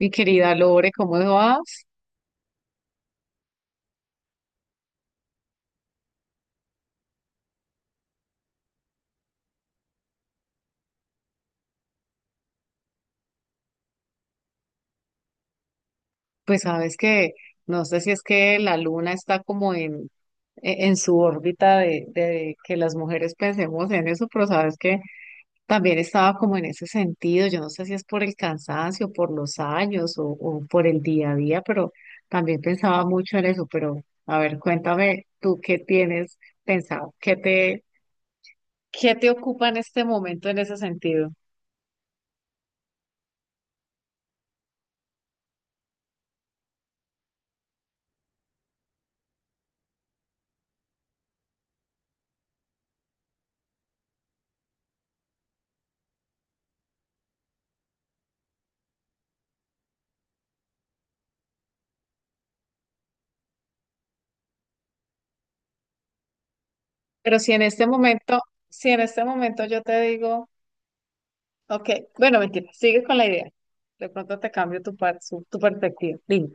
Mi querida Lore, ¿cómo vas? Pues sabes que no sé si es que la luna está como en su órbita de que las mujeres pensemos en eso, pero sabes que también estaba como en ese sentido. Yo no sé si es por el cansancio, por los años o por el día a día, pero también pensaba mucho en eso. Pero a ver, cuéntame tú qué tienes pensado, qué te ocupa en este momento en ese sentido. Pero si en este momento yo te digo... Ok, bueno, mentira, sigues con la idea. De pronto te cambio tu perspectiva. Dime.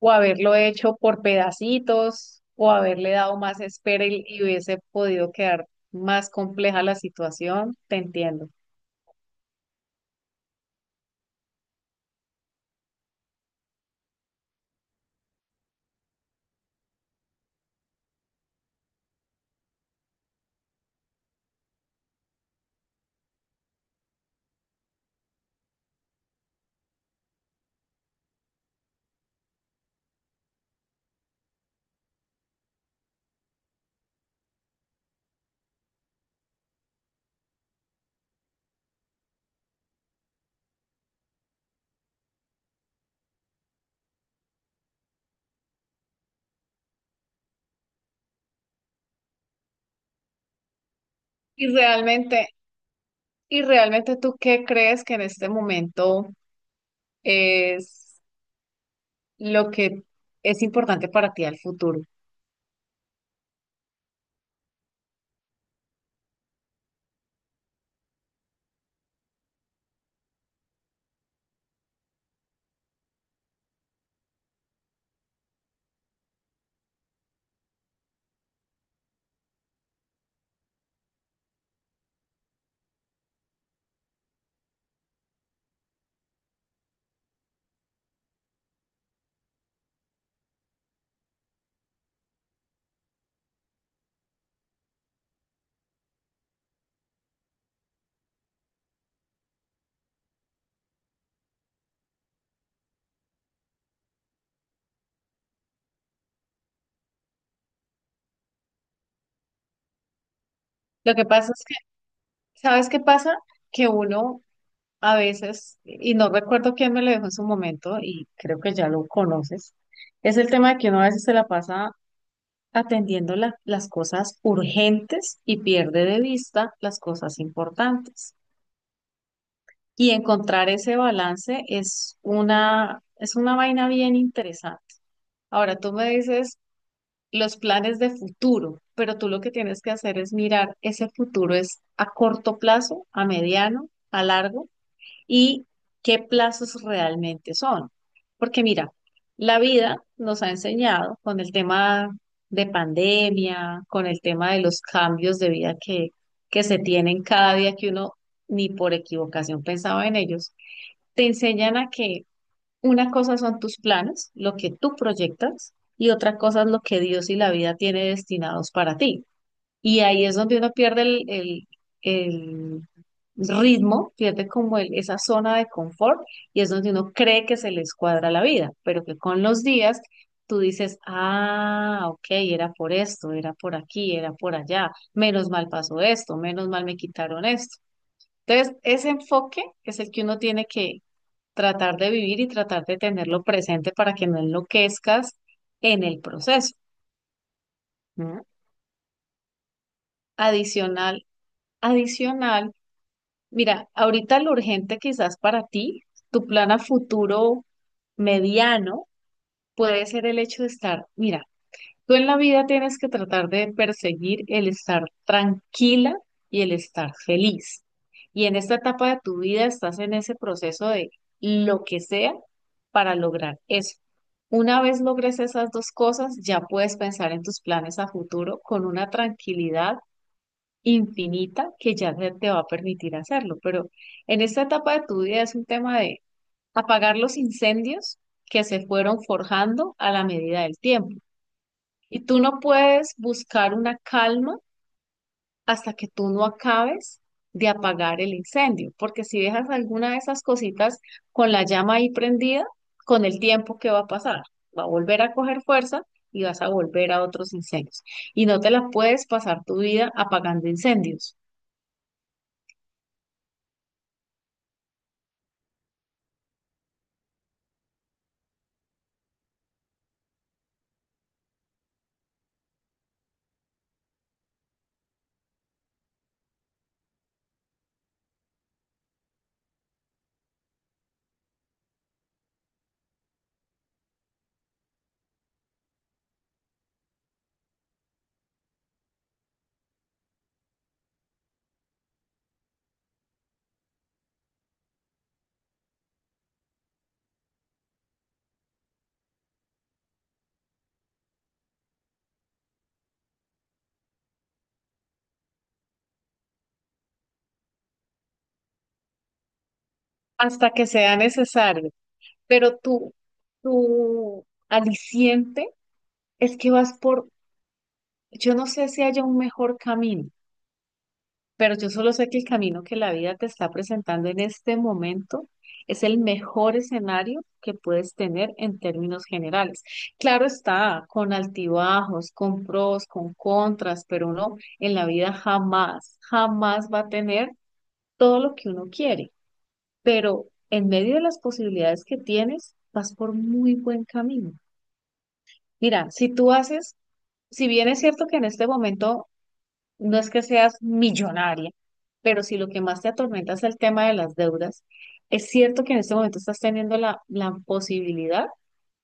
O haberlo hecho por pedacitos, o haberle dado más espera y hubiese podido quedar más compleja la situación, te entiendo. Y realmente, y realmente, ¿tú qué crees que en este momento es lo que es importante para ti al futuro? Lo que pasa es que, ¿sabes qué pasa? Que uno a veces, y no recuerdo quién me lo dijo en su momento, y creo que ya lo conoces, es el tema de que uno a veces se la pasa atendiendo las cosas urgentes y pierde de vista las cosas importantes. Y encontrar ese balance es una vaina bien interesante. Ahora tú me dices los planes de futuro, pero tú lo que tienes que hacer es mirar ese futuro es a corto plazo, a mediano, a largo y qué plazos realmente son. Porque mira, la vida nos ha enseñado con el tema de pandemia, con el tema de los cambios de vida que se tienen cada día que uno ni por equivocación pensaba en ellos, te enseñan a que una cosa son tus planes, lo que tú proyectas, y otra cosa es lo que Dios y la vida tiene destinados para ti. Y ahí es donde uno pierde el ritmo, pierde como esa zona de confort y es donde uno cree que se les cuadra la vida, pero que con los días tú dices, ah, ok, era por esto, era por aquí, era por allá, menos mal pasó esto, menos mal me quitaron esto. Entonces, ese enfoque es el que uno tiene que tratar de vivir y tratar de tenerlo presente para que no enloquezcas en el proceso, ¿no? Adicional, adicional. Mira, ahorita lo urgente quizás para ti, tu plan a futuro mediano puede ser el hecho de estar, mira, tú en la vida tienes que tratar de perseguir el estar tranquila y el estar feliz. Y en esta etapa de tu vida estás en ese proceso de lo que sea para lograr eso. Una vez logres esas dos cosas, ya puedes pensar en tus planes a futuro con una tranquilidad infinita que ya se te va a permitir hacerlo. Pero en esta etapa de tu vida es un tema de apagar los incendios que se fueron forjando a la medida del tiempo. Y tú no puedes buscar una calma hasta que tú no acabes de apagar el incendio, porque si dejas alguna de esas cositas con la llama ahí prendida, con el tiempo, ¿qué va a pasar? Va a volver a coger fuerza y vas a volver a otros incendios. Y no te la puedes pasar tu vida apagando incendios. Hasta que sea necesario. Pero tu aliciente es que vas por, yo no sé si haya un mejor camino, pero yo solo sé que el camino que la vida te está presentando en este momento es el mejor escenario que puedes tener en términos generales. Claro está, con altibajos, con pros, con contras, pero uno en la vida jamás, jamás va a tener todo lo que uno quiere. Pero en medio de las posibilidades que tienes, vas por muy buen camino. Mira, si tú haces, si bien es cierto que en este momento no es que seas millonaria, pero si lo que más te atormenta es el tema de las deudas, es cierto que en este momento estás teniendo la posibilidad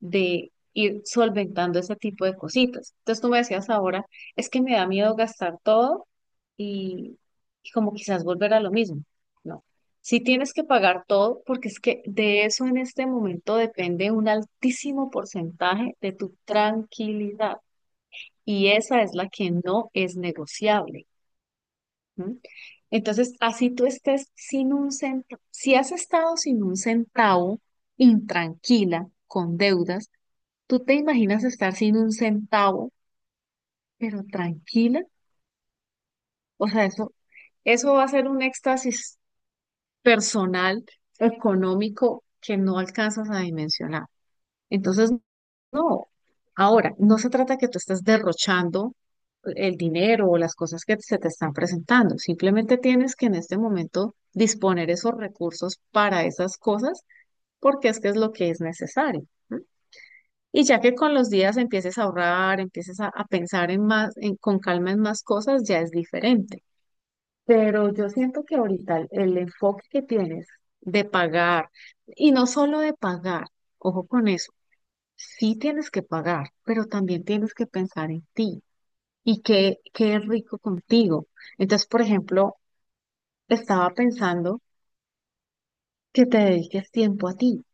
de ir solventando ese tipo de cositas. Entonces tú me decías ahora, es que me da miedo gastar todo y, y como quizás volver a lo mismo. No, si tienes que pagar todo, porque es que de eso en este momento depende un altísimo porcentaje de tu tranquilidad y esa es la que no es negociable. ¿M? Entonces, así tú estés sin un centavo, si has estado sin un centavo, intranquila, con deudas, ¿tú te imaginas estar sin un centavo, pero tranquila? O sea, eso va a ser un éxtasis personal, económico, que no alcanzas a dimensionar. Entonces, no. Ahora, no se trata que tú estés derrochando el dinero o las cosas que se te están presentando. Simplemente tienes que en este momento disponer esos recursos para esas cosas porque es que es lo que es necesario, ¿no? Y ya que con los días empieces a ahorrar, empieces a pensar en más, con calma en más cosas, ya es diferente. Pero yo siento que ahorita el enfoque que tienes de pagar, y no solo de pagar, ojo con eso, sí tienes que pagar, pero también tienes que pensar en ti y qué rico contigo. Entonces, por ejemplo, estaba pensando que te dediques tiempo a ti,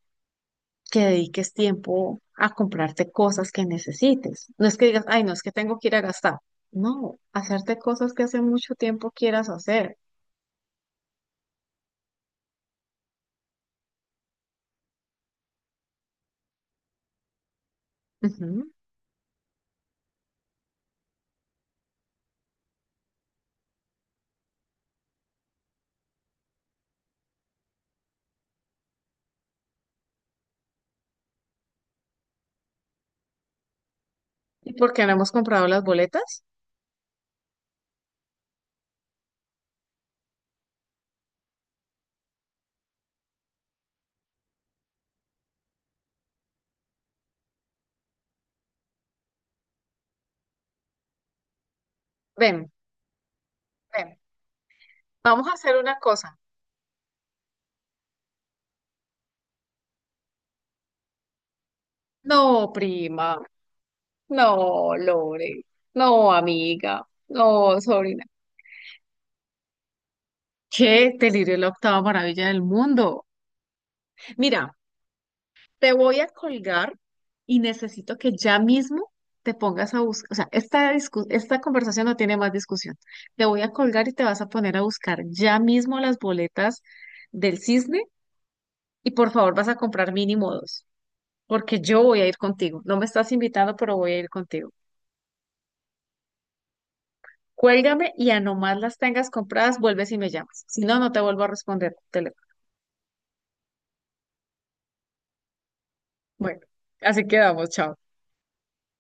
que dediques tiempo a comprarte cosas que necesites. No es que digas, ay, no, es que tengo que ir a gastar. No, hacerte cosas que hace mucho tiempo quieras hacer. Ujú. ¿Y por qué no hemos comprado las boletas? Ven, ven, vamos a hacer una cosa. No, prima. No, Lore. No, amiga. No, sobrina. ¿Qué? Delirio es la octava maravilla del mundo. Mira, te voy a colgar y necesito que ya mismo te pongas a buscar. O sea, esta, esta conversación no tiene más discusión. Te voy a colgar y te vas a poner a buscar ya mismo las boletas del cisne y por favor vas a comprar mínimo dos, porque yo voy a ir contigo. No me estás invitando, pero voy a ir contigo. Cuélgame y a nomás las tengas compradas, vuelves y me llamas. Si no, no te vuelvo a responder el teléfono. Bueno, así quedamos, chao.